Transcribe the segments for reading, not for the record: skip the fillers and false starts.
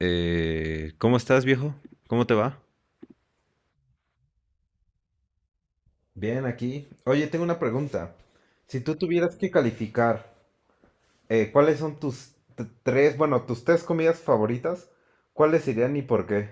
¿cómo estás, viejo? ¿Cómo te va? Bien, aquí. Oye, tengo una pregunta. Si tú tuvieras que calificar, ¿cuáles son tus tres comidas favoritas? ¿Cuáles serían y por qué?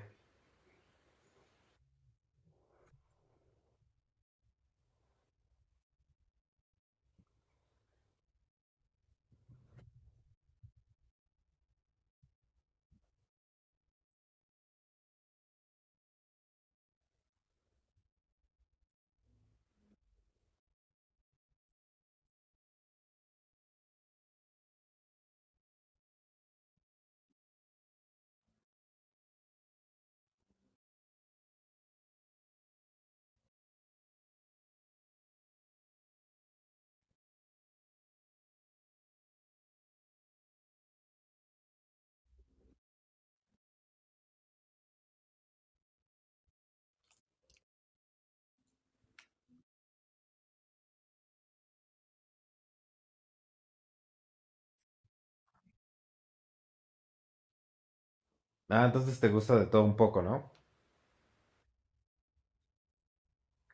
Ah, entonces te gusta de todo un poco, ¿no?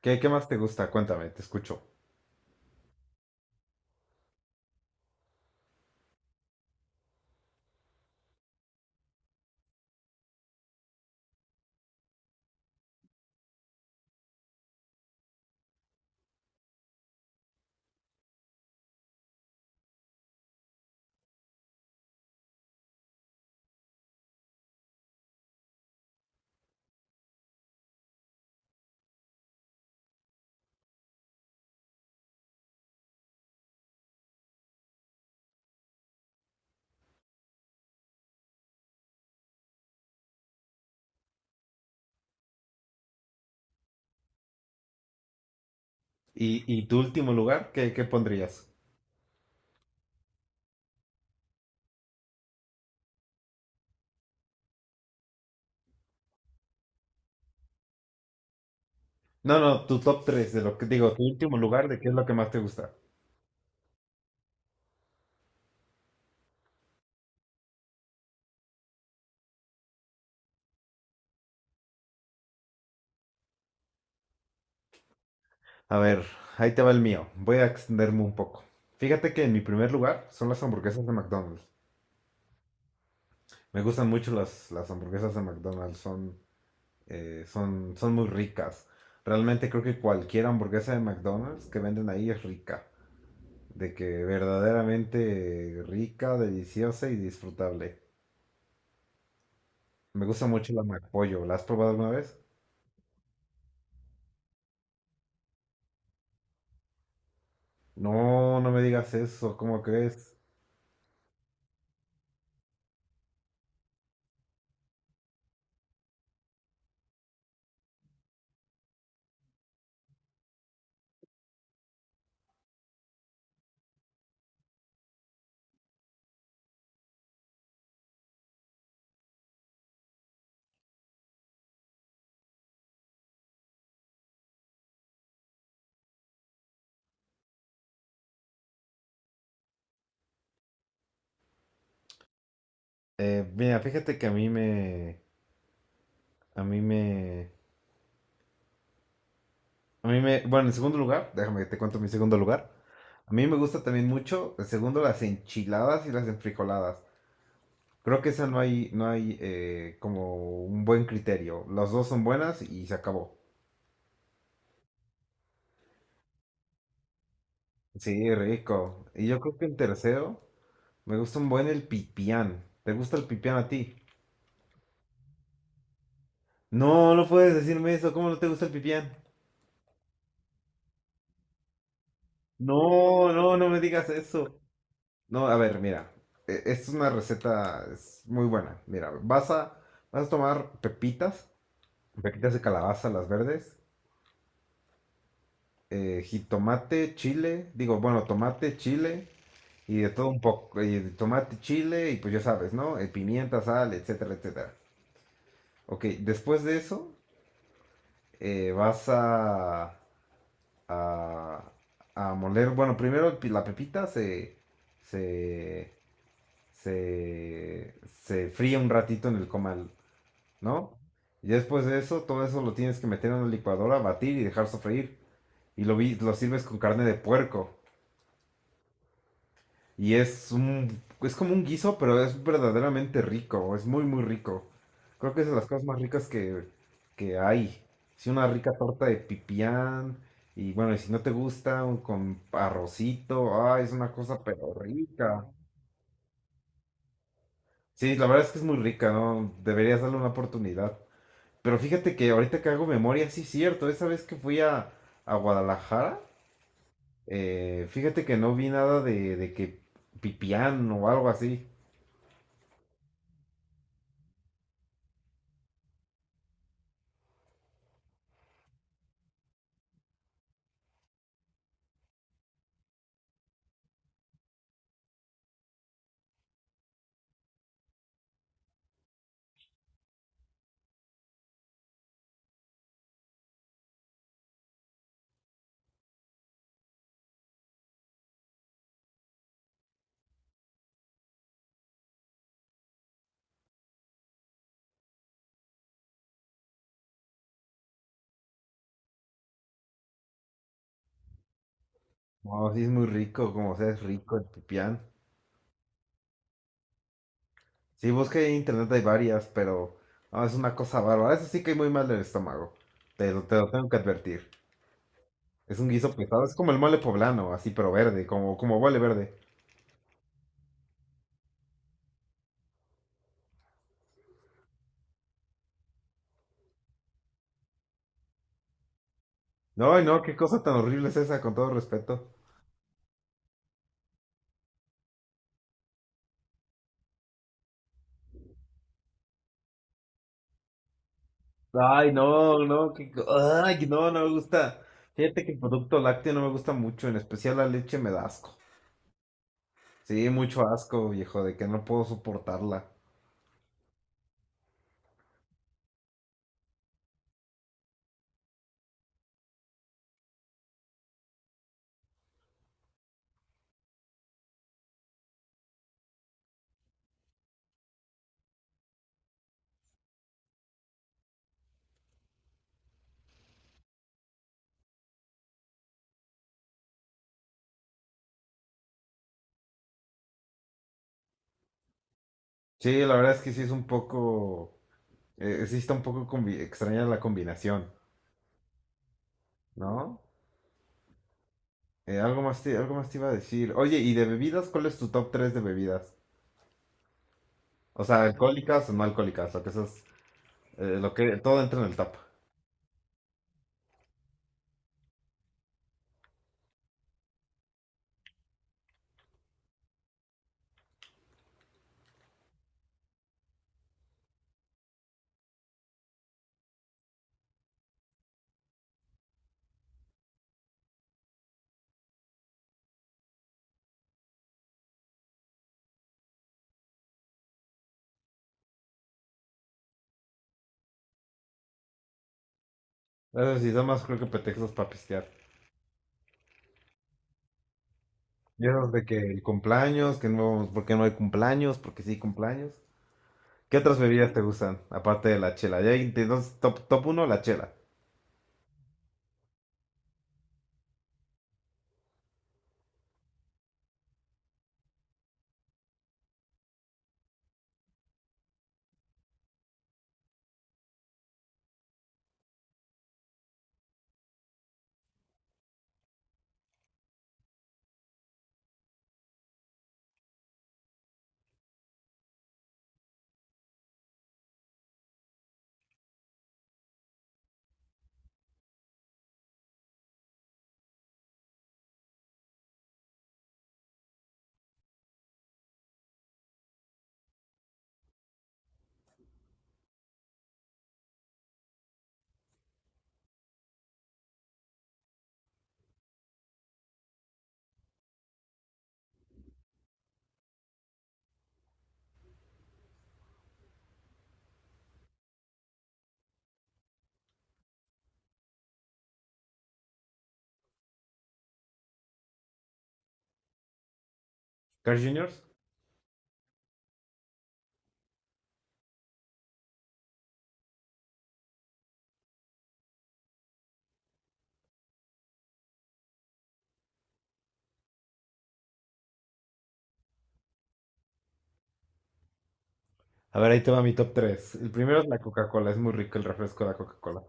¿Qué más te gusta? Cuéntame, te escucho. ¿Y tu último lugar? ¿Qué pondrías? No, no, tu top tres de lo que digo, tu último lugar de qué es lo que más te gusta. A ver, ahí te va el mío. Voy a extenderme un poco. Fíjate que en mi primer lugar son las hamburguesas de McDonald's. Me gustan mucho las hamburguesas de McDonald's, son son muy ricas. Realmente creo que cualquier hamburguesa de McDonald's que venden ahí es rica. De que verdaderamente rica, deliciosa y disfrutable. Me gusta mucho la McPollo. ¿La has probado alguna vez? No, no me digas eso, ¿cómo crees? Mira, fíjate que a mí me... A mí me... A mí me... Bueno, en segundo lugar, déjame que te cuento mi segundo lugar. A mí me gusta también mucho, en segundo, las enchiladas y las enfrijoladas. Creo que esa no hay, no hay como un buen criterio. Las dos son buenas y se acabó. Sí, rico. Y yo creo que el tercero, me gusta un buen el pipián. ¿Te gusta el pipián a ti? No, no puedes decirme eso. ¿Cómo no te gusta el pipián? No, no, no me digas eso. No, a ver, mira. Esta es una receta es muy buena. Mira, vas a tomar pepitas, pepitas de calabaza, las verdes, jitomate, chile, digo, bueno, tomate, chile y de todo un poco, y de tomate, chile y pues ya sabes, ¿no? Pimienta, sal, etcétera, etcétera. Ok, después de eso eh, vas a, a, a moler, bueno, primero la pepita se, se, se fríe un ratito en el comal, ¿no? Y después de eso, todo eso lo tienes que meter en una licuadora, batir y dejar sofreír. Y lo sirves con carne de puerco. Y es es como un guiso, pero es verdaderamente rico, es muy, muy rico. Creo que es de las cosas más ricas que hay. Sí, una rica torta de pipián, y bueno, y si no te gusta, con arrocito, ay, es una cosa pero rica. Sí, la verdad es que es muy rica, ¿no? Deberías darle una oportunidad. Pero fíjate que ahorita que hago memoria, sí es cierto, esa vez que fui a Guadalajara, fíjate que no vi nada de, de que pipián o algo así. No, sí es muy rico, como sea, es rico el pipián. Sí, busqué en internet, hay varias, pero no, es una cosa bárbara. Eso sí que hay muy mal del estómago. Te lo tengo que advertir. Es un guiso pesado, es como el mole poblano, así, pero verde, como, como mole verde. No, no, qué cosa tan horrible es esa, con todo respeto. Ay, no, no, ay, no, no me gusta. Fíjate que el producto lácteo no me gusta mucho, en especial la leche me da asco. Sí, mucho asco, viejo, de que no puedo soportarla. Sí, la verdad es que sí es un poco. Sí está un poco extraña la combinación, ¿no? Algo más te iba a decir. Oye, ¿y de bebidas? ¿Cuál es tu top 3 de bebidas? O sea, alcohólicas o no alcohólicas, lo que esas, lo que todo entra en el top. Esas sí, nada más creo que pretextos para pistear. Y esos de que el cumpleaños, que no, porque no hay cumpleaños, porque sí hay cumpleaños. ¿Qué otras bebidas te gustan? Aparte de la chela. Entonces, top uno la chela. Carl Juniors. A ver, ahí te va mi top 3. El primero es la Coca-Cola, es muy rico el refresco de la Coca-Cola.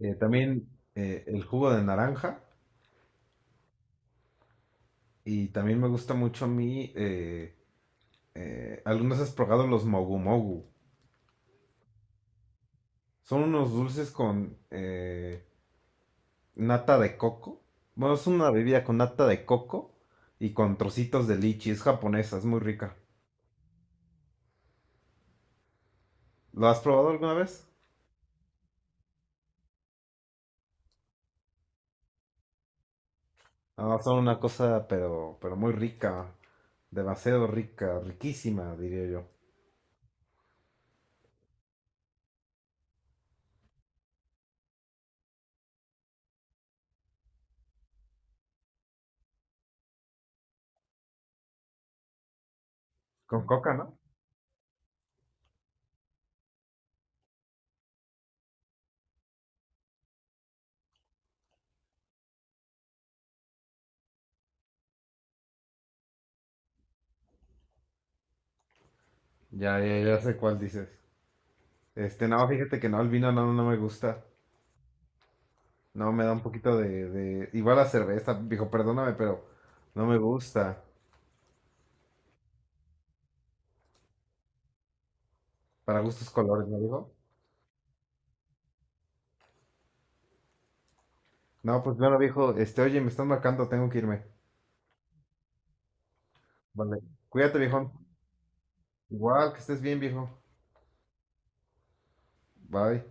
También el jugo de naranja. Y también me gusta mucho a mí. ¿alguna has probado los mogu mogu? Son unos dulces con nata de coco. Bueno, es una bebida con nata de coco y con trocitos de lichi. Es japonesa, es muy rica. ¿Lo has probado alguna vez? Ah, son una cosa, pero muy rica. Demasiado rica, riquísima, diría yo. Con coca, ¿no? Ya, ya, ya sé cuál dices. Este, no, fíjate que no, el vino no, no me gusta. No, me da un poquito de... Igual la cerveza, viejo, perdóname, pero no me gusta. Para gustos colores, ¿no, viejo? No, pues bueno, viejo, este, oye, me están marcando, tengo que irme. Vale. Cuídate, viejo. Igual, que estés bien, viejo. Bye.